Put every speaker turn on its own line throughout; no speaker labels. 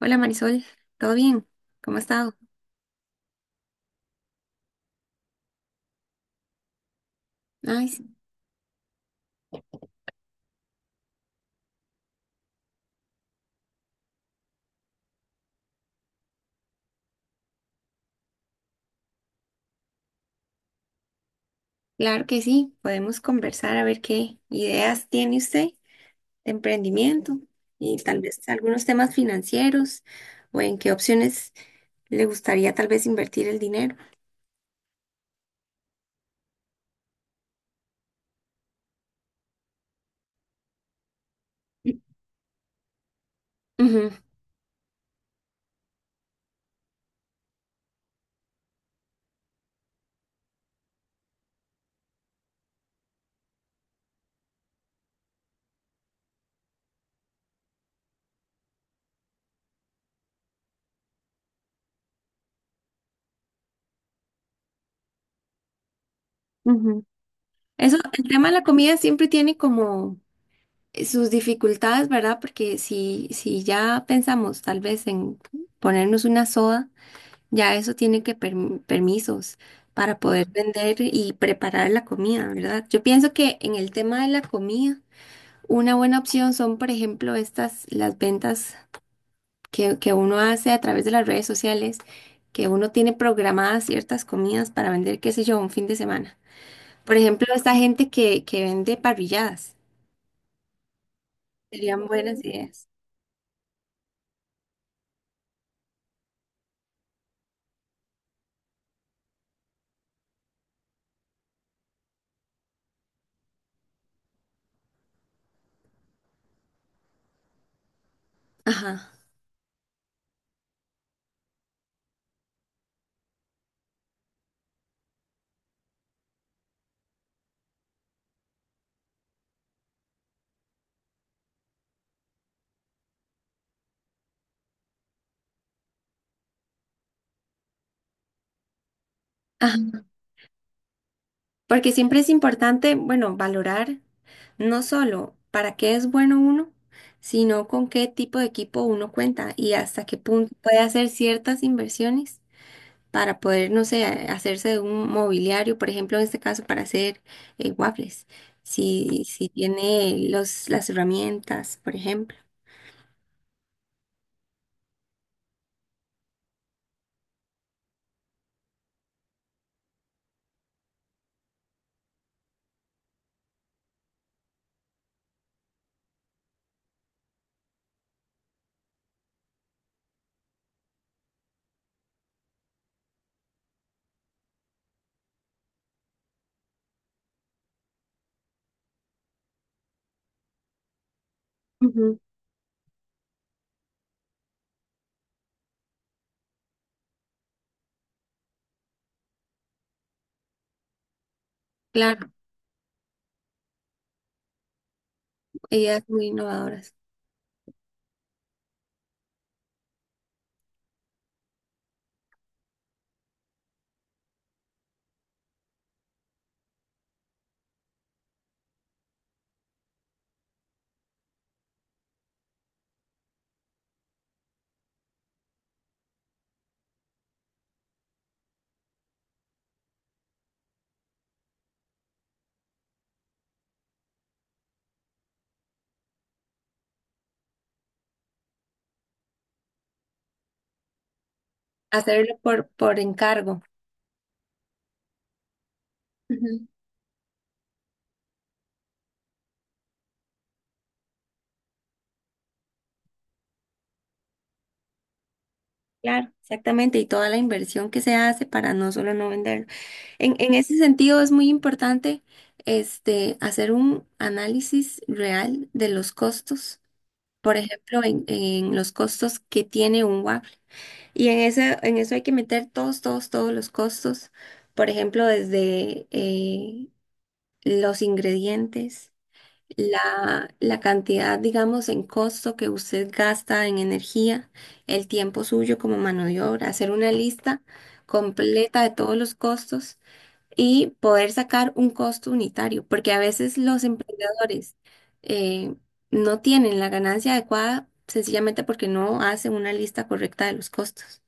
Hola Marisol, ¿todo bien? ¿Cómo ha estado? Ay, sí, claro que sí, podemos conversar a ver qué ideas tiene usted de emprendimiento y tal vez algunos temas financieros o en qué opciones le gustaría tal vez invertir el dinero. Ujú, ujú. Eso, el tema de la comida siempre tiene como sus dificultades, ¿verdad? Porque si ya pensamos tal vez en ponernos una soda, ya eso tiene que permisos para poder vender y preparar la comida, ¿verdad? Yo pienso que en el tema de la comida, una buena opción son, por ejemplo, estas, las ventas que uno hace a través de las redes sociales, que uno tiene programadas ciertas comidas para vender, qué sé yo, un fin de semana. Por ejemplo, esta gente que vende parrilladas, serían buenas ideas. Ajá. Ajá. Porque siempre es importante, bueno, valorar no solo para qué es bueno uno, sino con qué tipo de equipo uno cuenta y hasta qué punto puede hacer ciertas inversiones para poder, no sé, hacerse de un mobiliario, por ejemplo, en este caso para hacer waffles, si tiene las herramientas, por ejemplo. Ujú. Claro, ideas muy innovadoras. Hacerlo por encargo. Claro, exactamente, y toda la inversión que se hace para no solo no venderlo. En ese sentido es muy importante este, hacer un análisis real de los costos, por ejemplo, en los costos que tiene un waffle. Y en ese, en eso hay que meter todos los costos, por ejemplo, desde los ingredientes, la cantidad, digamos, en costo que usted gasta en energía, el tiempo suyo como mano de obra, hacer una lista completa de todos los costos y poder sacar un costo unitario, porque a veces los emprendedores eh, no tienen la ganancia adecuada sencillamente porque no hacen una lista correcta de los costos.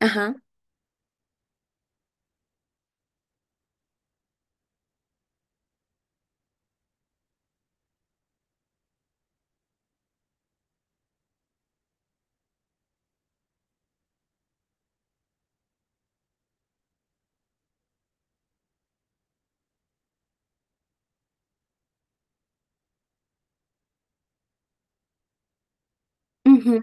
Ajá. Ujú.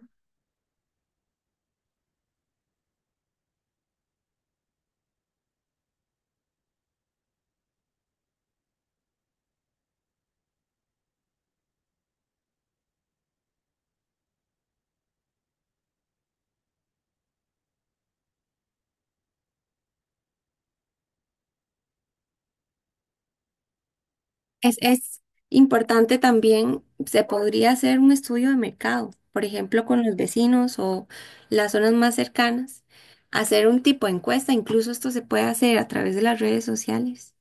Es importante también, se podría hacer un estudio de mercado, por ejemplo, con los vecinos o las zonas más cercanas, hacer un tipo de encuesta, incluso esto se puede hacer a través de las redes sociales,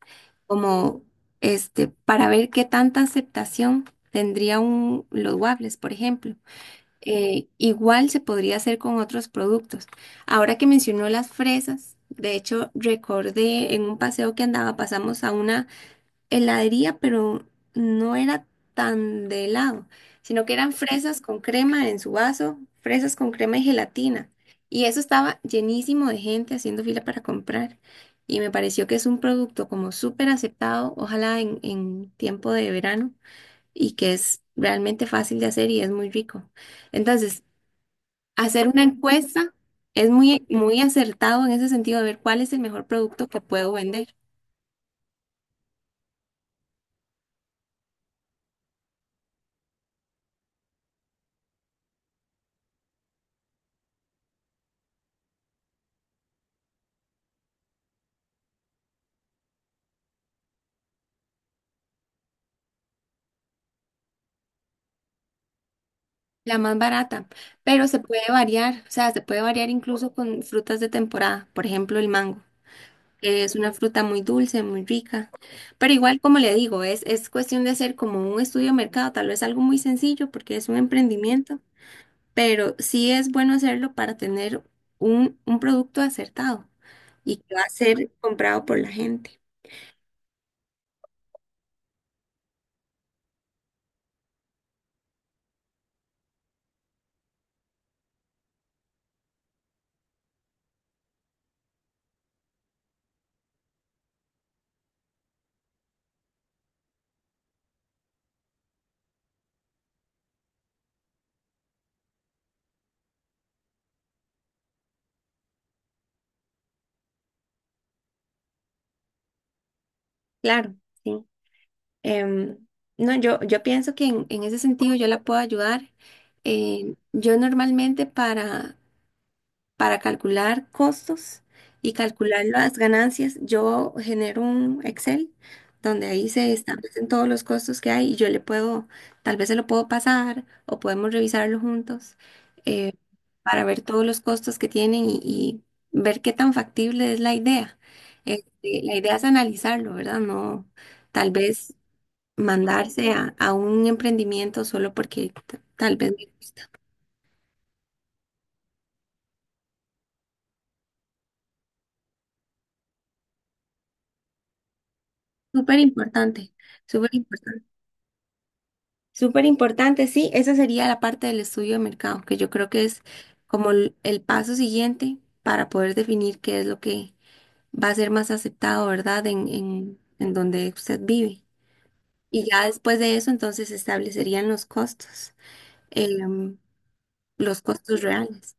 como este, para ver qué tanta aceptación tendría los waffles, por ejemplo. Igual se podría hacer con otros productos. Ahora que mencionó las fresas, de hecho, recordé en un paseo que andaba, pasamos a una heladería, pero no era tan de helado, sino que eran fresas con crema en su vaso, fresas con crema y gelatina. Y eso estaba llenísimo de gente haciendo fila para comprar. Y me pareció que es un producto como súper aceptado, ojalá en tiempo de verano, y que es realmente fácil de hacer y es muy rico. Entonces, hacer una encuesta es muy, muy acertado en ese sentido de ver cuál es el mejor producto que puedo vender. La más barata, pero se puede variar, o sea, se puede variar incluso con frutas de temporada, por ejemplo, el mango, que es una fruta muy dulce, muy rica, pero igual como le digo, es cuestión de hacer como un estudio de mercado, tal vez algo muy sencillo porque es un emprendimiento, pero sí es bueno hacerlo para tener un producto acertado y que va a ser comprado por la gente. Claro, sí. Em, no, yo pienso que en ese sentido yo la puedo ayudar. Yo normalmente para calcular costos y calcular las ganancias, yo genero un Excel donde ahí se establecen todos los costos que hay y yo le puedo, tal vez se lo puedo pasar o podemos revisarlo juntos eh, para ver todos los costos que tienen y ver qué tan factible es la idea. Este, la idea es analizarlo, ¿verdad? No, tal vez mandarse a un emprendimiento solo porque tal vez me gusta. Súper importante. Súper importante. Súper importante, sí, esa sería la parte del estudio de mercado, que yo creo que es como el paso siguiente para poder definir qué es lo que va a ser más aceptado, ¿verdad? En donde usted vive. Y ya después de eso, entonces se establecerían los costos, em, los costos reales.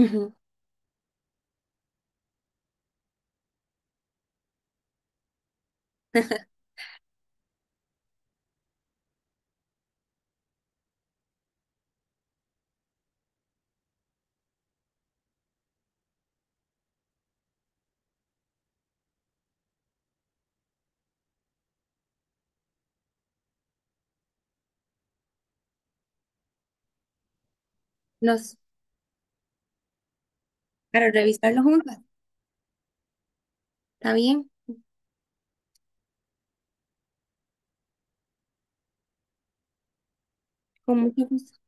Ujú. Nos, para revisarlo juntas, ¿está bien? Con mucho gusto.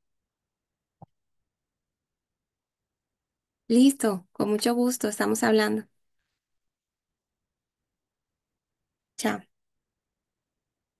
Listo, con mucho gusto, estamos hablando. Chao.